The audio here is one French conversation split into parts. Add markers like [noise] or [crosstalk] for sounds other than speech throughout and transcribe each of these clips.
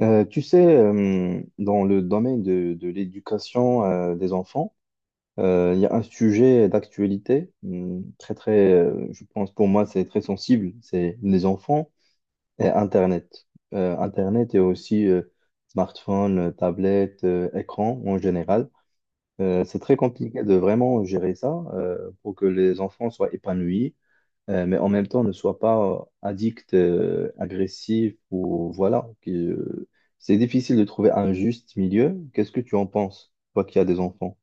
Tu sais, dans le domaine de l'éducation des enfants, il y a un sujet d'actualité très, très, je pense pour moi, c'est très sensible, c'est les enfants et Internet. Internet et aussi smartphone, tablette, écran en général. C'est très compliqué de vraiment gérer ça pour que les enfants soient épanouis, mais en même temps ne sois pas addict, agressif ou voilà. C'est difficile de trouver un juste milieu. Qu'est-ce que tu en penses, toi qui as des enfants?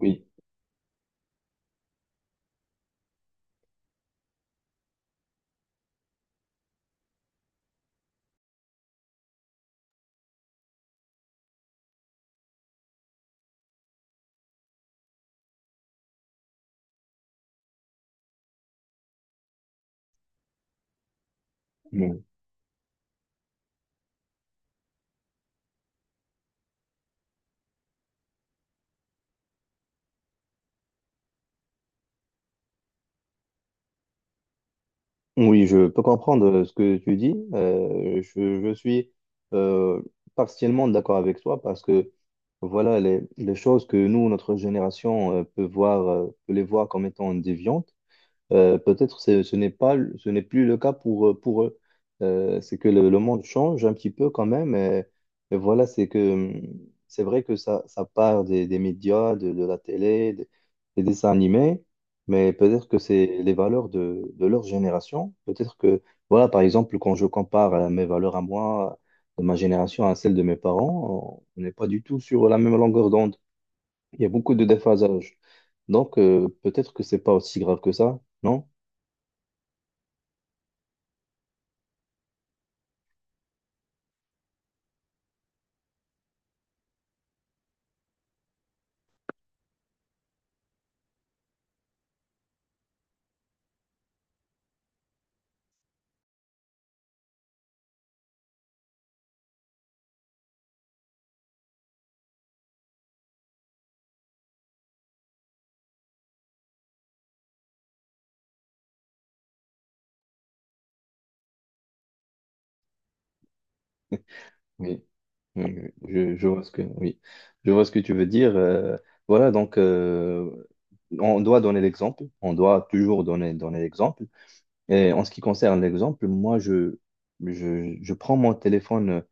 Oui. Oui. Oui, je peux comprendre ce que tu dis. Je suis euh, partiellement d'accord avec toi parce que voilà les choses que nous, notre génération, peut voir, peut les voir comme étant déviantes. Peut-être ce n'est pas, ce n'est plus le cas pour eux. C'est que le monde change un petit peu quand même. Et voilà, c'est que c'est vrai que ça part des médias, de la télé, des dessins animés, mais peut-être que c'est les valeurs de leur génération. Peut-être que, voilà, par exemple, quand je compare mes valeurs à moi, de ma génération à celle de mes parents, on n'est pas du tout sur la même longueur d'onde. Il y a beaucoup de déphasage. Donc, peut-être que c'est pas aussi grave que ça, non? Oui, oui, oui, je vois ce que, oui, je vois ce que tu veux dire. Voilà, donc on doit donner l'exemple, on doit toujours donner, donner l'exemple. Et en ce qui concerne l'exemple, moi, je prends mon téléphone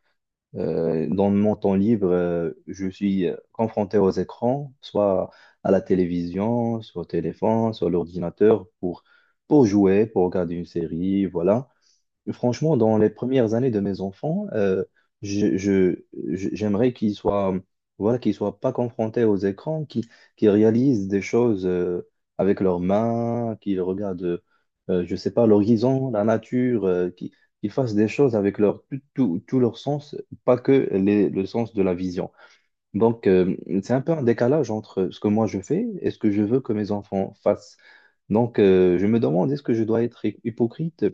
dans mon temps libre. Je suis confronté aux écrans, soit à la télévision, soit au téléphone, soit à l'ordinateur, pour jouer, pour regarder une série, voilà. Franchement, dans les premières années de mes enfants, je, je- j'aimerais voilà, qu'ils soient pas confrontés aux écrans, qu'ils réalisent des choses avec leurs mains, qu'ils regardent, je sais pas, l'horizon, la nature, qu'ils fassent des choses avec leur, tout, tout, tout leur sens, pas que le sens de la vision. Donc, c'est un peu un décalage entre ce que moi je fais et ce que je veux que mes enfants fassent. Donc, je me demande, est-ce que je dois être hypocrite?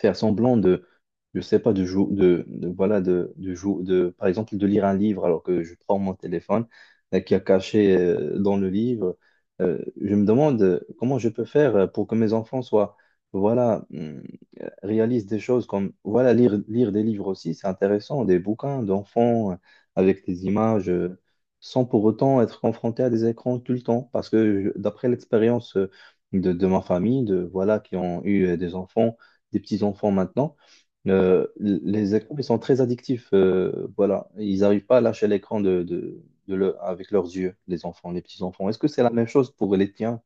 Faire semblant de, je sais pas, de jouer, voilà, de, par exemple, de lire un livre alors que je prends mon téléphone qui est caché dans le livre. Je me demande comment je peux faire pour que mes enfants soient, voilà, réalisent des choses comme, voilà, lire, lire des livres aussi, c'est intéressant, des bouquins d'enfants avec des images. Sans pour autant être confronté à des écrans tout le temps. D'après l'expérience de ma famille, de, voilà, qui ont eu des enfants, des petits enfants maintenant, les écrans, ils sont très addictifs. Voilà, ils n'arrivent pas à lâcher l'écran avec leurs yeux, les enfants, les petits enfants. Est-ce que c'est la même chose pour les tiens?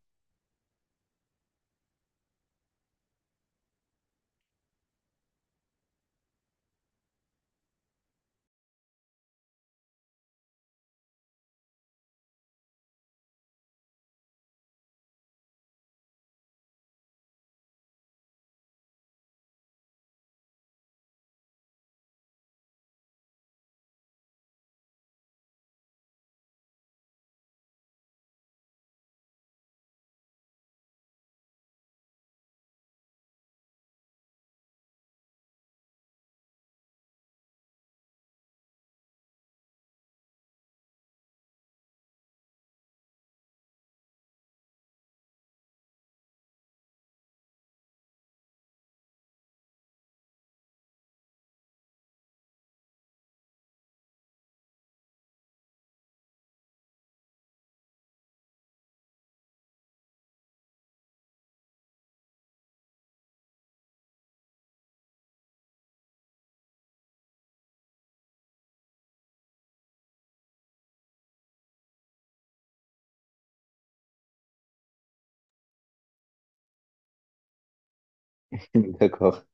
[laughs] D'accord.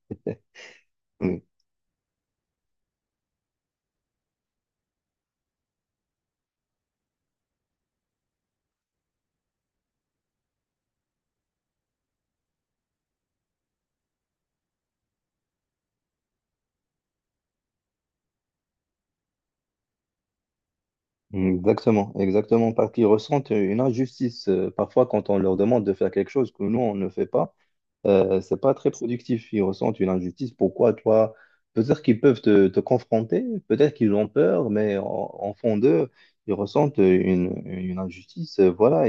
Mm. Exactement, exactement, parce qu'ils ressentent une injustice parfois quand on leur demande de faire quelque chose que nous, on ne fait pas. C'est pas très productif. Ils ressentent une injustice. Pourquoi toi? Peut-être qu'ils peuvent te confronter, peut-être qu'ils ont peur, mais en fond d'eux, ils ressentent une injustice. Voilà,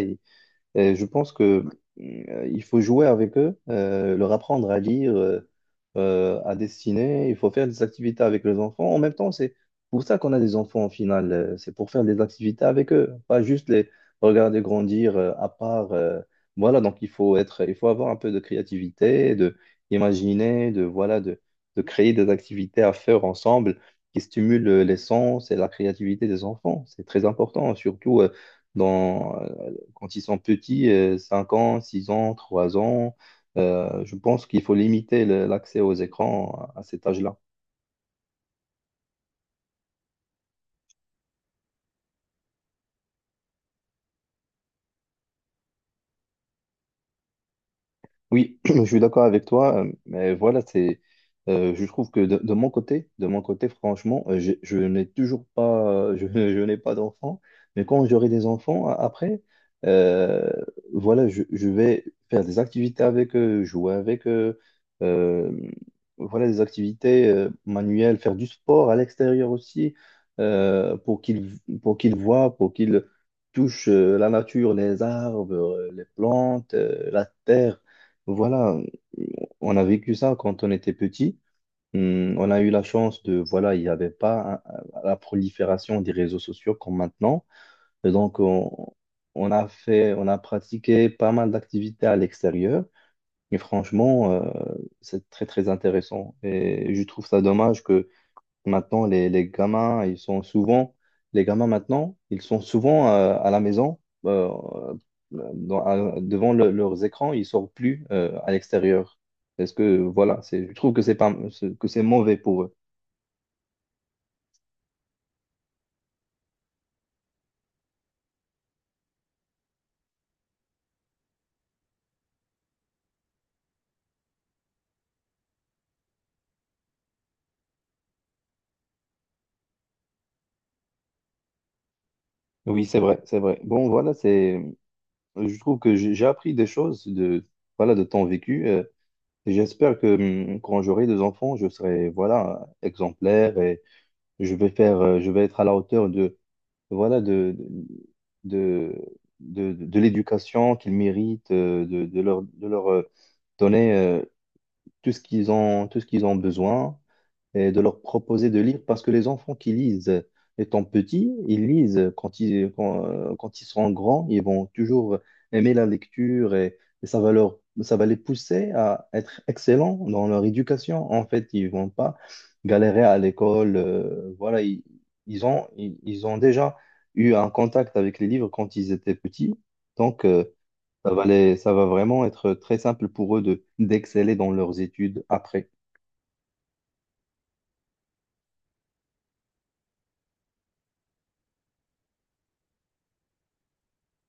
et je pense que il faut jouer avec eux, leur apprendre à lire, à dessiner. Il faut faire des activités avec les enfants. En même temps, c'est pour ça qu'on a des enfants au final. C'est pour faire des activités avec eux, pas juste les regarder grandir à part. Voilà, donc il faut être, il faut avoir un peu de créativité, de imaginer, de voilà, de créer des activités à faire ensemble qui stimulent les sens et la créativité des enfants. C'est très important, surtout. Dans, quand ils sont petits, 5 ans, 6 ans, 3 ans, je pense qu'il faut limiter l'accès aux écrans à cet âge-là. Oui, [clears throat] je suis d'accord avec toi, mais voilà, c'est, je trouve que de mon côté, franchement, je n'ai toujours pas, euh, je, [laughs] je n'ai pas d'enfant, mais quand j'aurai des enfants après, euh, voilà, je vais faire des activités avec eux, jouer avec eux, euh, voilà, des activités manuelles, faire du sport à l'extérieur aussi, euh, pour qu'ils, pour qu'ils voient, pour qu'ils touchent la nature, les arbres, les plantes, la terre. Voilà, euh, on a vécu ça quand on était petit. On a eu la chance de, voilà, il n'y avait pas la prolifération des réseaux sociaux comme maintenant. Et donc, on a fait, on a pratiqué pas mal d'activités à l'extérieur. Mais franchement, c'est très, très intéressant. Et je trouve ça dommage que. Maintenant, les gamins, ils sont souvent, les gamins maintenant, ils sont souvent à la maison, euh, devant leurs écrans, ils sortent plus à l'extérieur. Parce que voilà, je trouve que c'est pas, c'est- que c'est mauvais pour eux. Oui, c'est vrai, c'est vrai. Bon, voilà, c'est, je trouve que j'ai appris des choses de, voilà, de temps vécu. Et j'espère que quand j'aurai des enfants, je serai, voilà, exemplaire et je vais faire, je vais être à la hauteur voilà, de, de l'éducation qu'ils méritent, de leur donner tout ce qu'ils ont, tout ce qu'ils ont besoin et de leur proposer de lire parce que les enfants qui lisent étant petits, ils lisent quand quand, quand ils seront grands, ils vont toujours aimer la lecture et ça va leur, ça va les pousser à être excellents dans leur éducation. En fait, ils vont pas galérer à l'école. Voilà, ils ont déjà eu un contact avec les livres quand ils étaient petits. Donc, ça va ça va vraiment être très simple pour eux de, d'exceller dans leurs études après.